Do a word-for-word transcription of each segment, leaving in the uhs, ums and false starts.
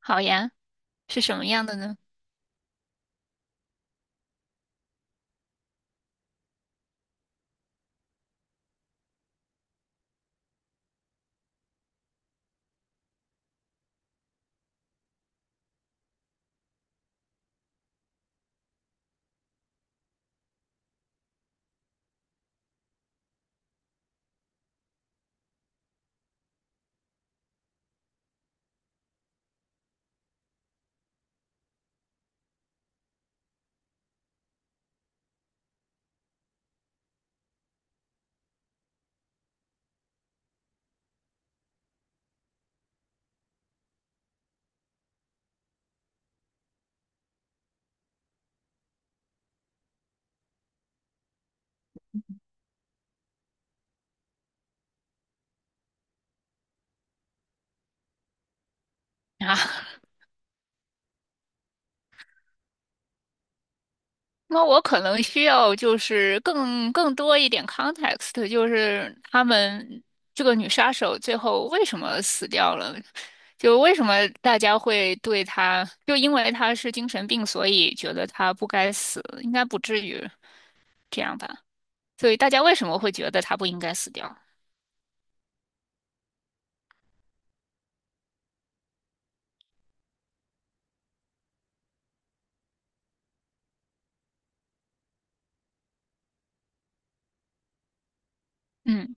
好呀，是什么样的呢？啊，那我可能需要就是更更多一点 context，就是他们这个女杀手最后为什么死掉了？就为什么大家会对她，就因为她是精神病，所以觉得她不该死，应该不至于这样吧？所以大家为什么会觉得她不应该死掉？嗯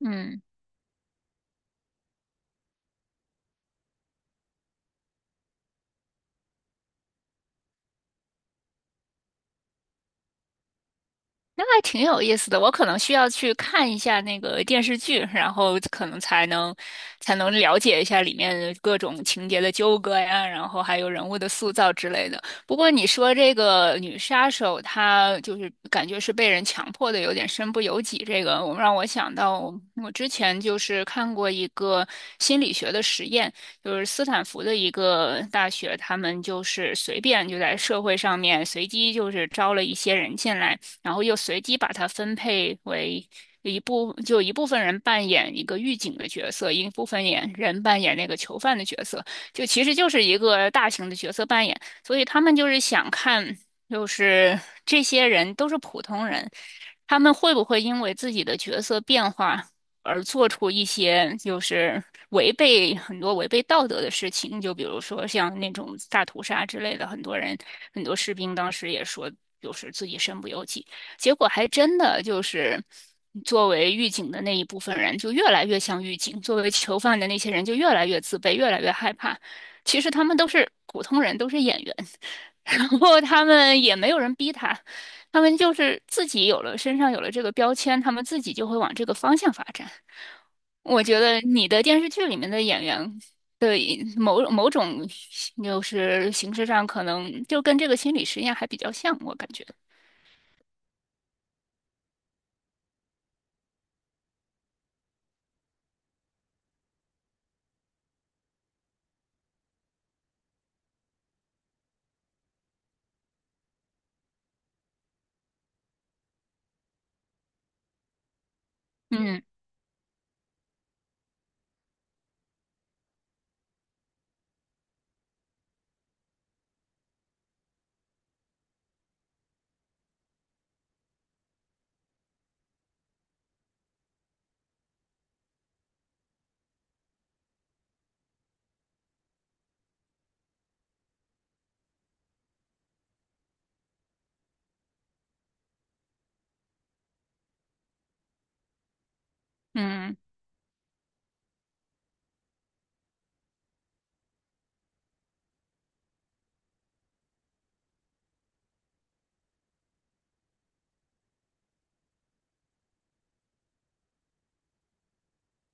嗯。那还挺有意思的，我可能需要去看一下那个电视剧，然后可能才能才能了解一下里面各种情节的纠葛呀，然后还有人物的塑造之类的。不过你说这个女杀手，她就是感觉是被人强迫的，有点身不由己。这个我让我想到，我之前就是看过一个心理学的实验，就是斯坦福的一个大学，他们就是随便就在社会上面随机就是招了一些人进来。然后又随机把它分配为一部，就一部分人扮演一个狱警的角色，一部分演人扮演那个囚犯的角色，就其实就是一个大型的角色扮演，所以他们就是想看，就是这些人都是普通人，他们会不会因为自己的角色变化而做出一些就是违背很多违背道德的事情？就比如说像那种大屠杀之类的，很多人很多士兵当时也说，就是自己身不由己。结果还真的就是，作为狱警的那一部分人就越来越像狱警，作为囚犯的那些人就越来越自卑，越来越害怕。其实他们都是普通人，都是演员，然后他们也没有人逼他，他们就是自己有了身上有了这个标签，他们自己就会往这个方向发展。我觉得你的电视剧里面的演员。的某某种就是形式上，可能就跟这个心理实验还比较像，我感觉。嗯嗯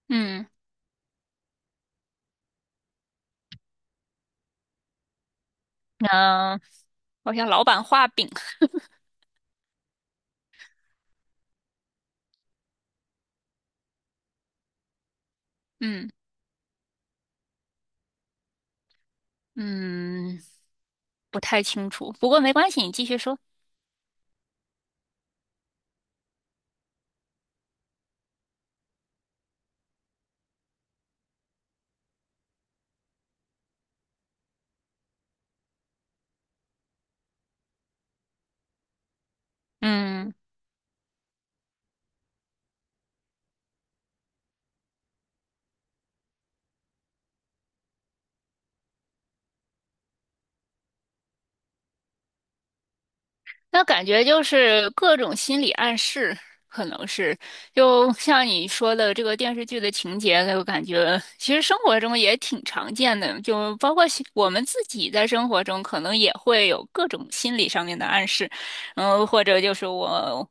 嗯。嗯，好像老板画饼，嗯嗯，不太清楚，不过没关系，你继续说。嗯，那感觉就是各种心理暗示，可能是就像你说的这个电视剧的情节，我感觉其实生活中也挺常见的，就包括心我们自己在生活中可能也会有各种心理上面的暗示。嗯，或者就是我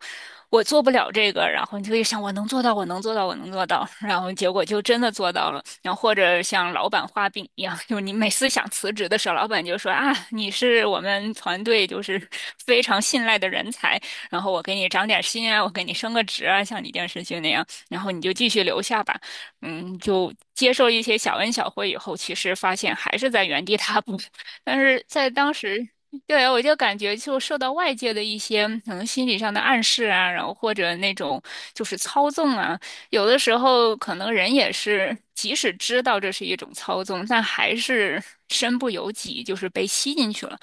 我做不了这个，然后你就会想我能做到，我能做到，我能做到，然后结果就真的做到了。然后或者像老板画饼一样，就是你每次想辞职的时候，老板就说啊，你是我们团队就是非常信赖的人才，然后我给你涨点薪啊，我给你升个职啊，像你电视剧那样，然后你就继续留下吧。嗯，就接受一些小恩小惠以后，其实发现还是在原地踏步。但是在当时对，我就感觉就受到外界的一些可能心理上的暗示啊，然后或者那种就是操纵啊，有的时候可能人也是，即使知道这是一种操纵，但还是身不由己，就是被吸进去了。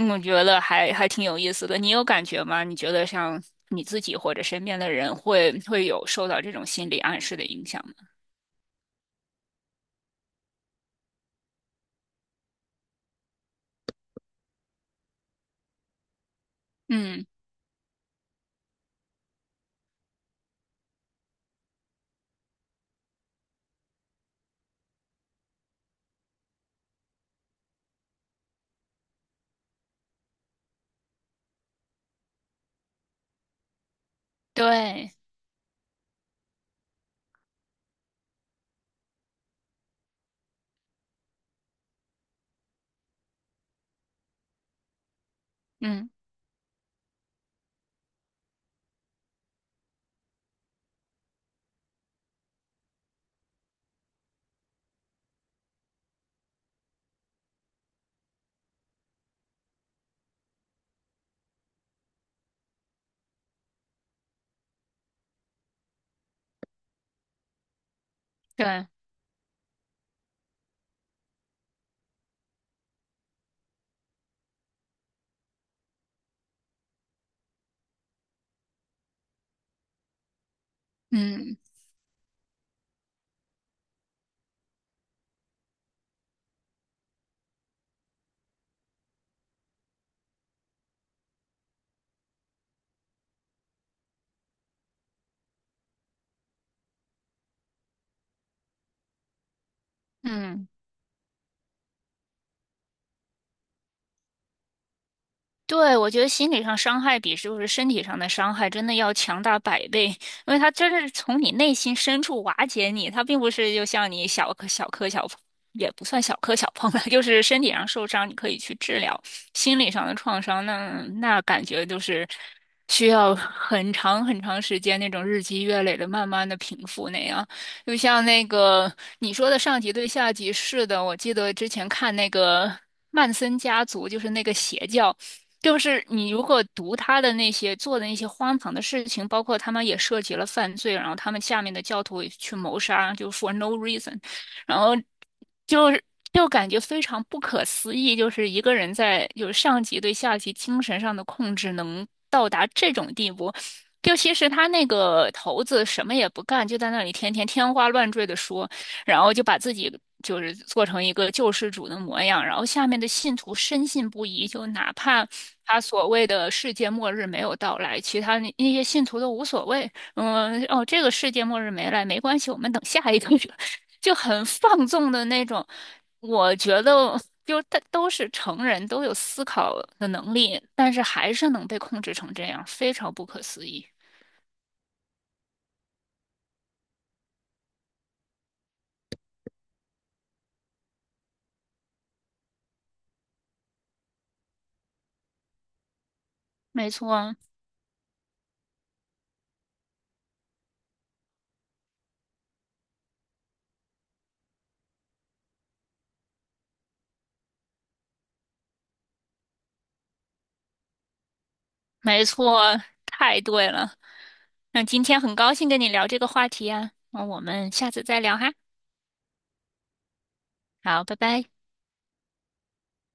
嗯我觉得还还挺有意思的。你有感觉吗？你觉得像你自己或者身边的人会会有受到这种心理暗示的影响吗？嗯，对，嗯，对，嗯嗯。对，我觉得心理上伤害比就是身体上的伤害真的要强大百倍，因为它真的是从你内心深处瓦解你，它并不是就像你小磕小磕小碰，也不算小磕小碰了，就是身体上受伤你可以去治疗，心理上的创伤那那感觉就是需要很长很长时间那种日积月累的慢慢的平复那样。就像那个你说的上级对下级，是的，我记得之前看那个曼森家族，就是那个邪教。就是你如果读他的那些做的那些荒唐的事情，包括他们也涉及了犯罪，然后他们下面的教徒也去谋杀，就 for no reason，然后就是就感觉非常不可思议，就是一个人在就是上级对下级精神上的控制能到达这种地步。就其实他那个头子什么也不干，就在那里天天天花乱坠的说，然后就把自己就是做成一个救世主的模样，然后下面的信徒深信不疑，就哪怕他所谓的世界末日没有到来，其他那那些信徒都无所谓，嗯，哦，这个世界末日没来没关系，我们等下一个，就很放纵的那种。我觉得就他都是成人，都有思考的能力，但是还是能被控制成这样，非常不可思议。没错，没错，太对了。那今天很高兴跟你聊这个话题啊，那我们下次再聊哈。好，拜拜。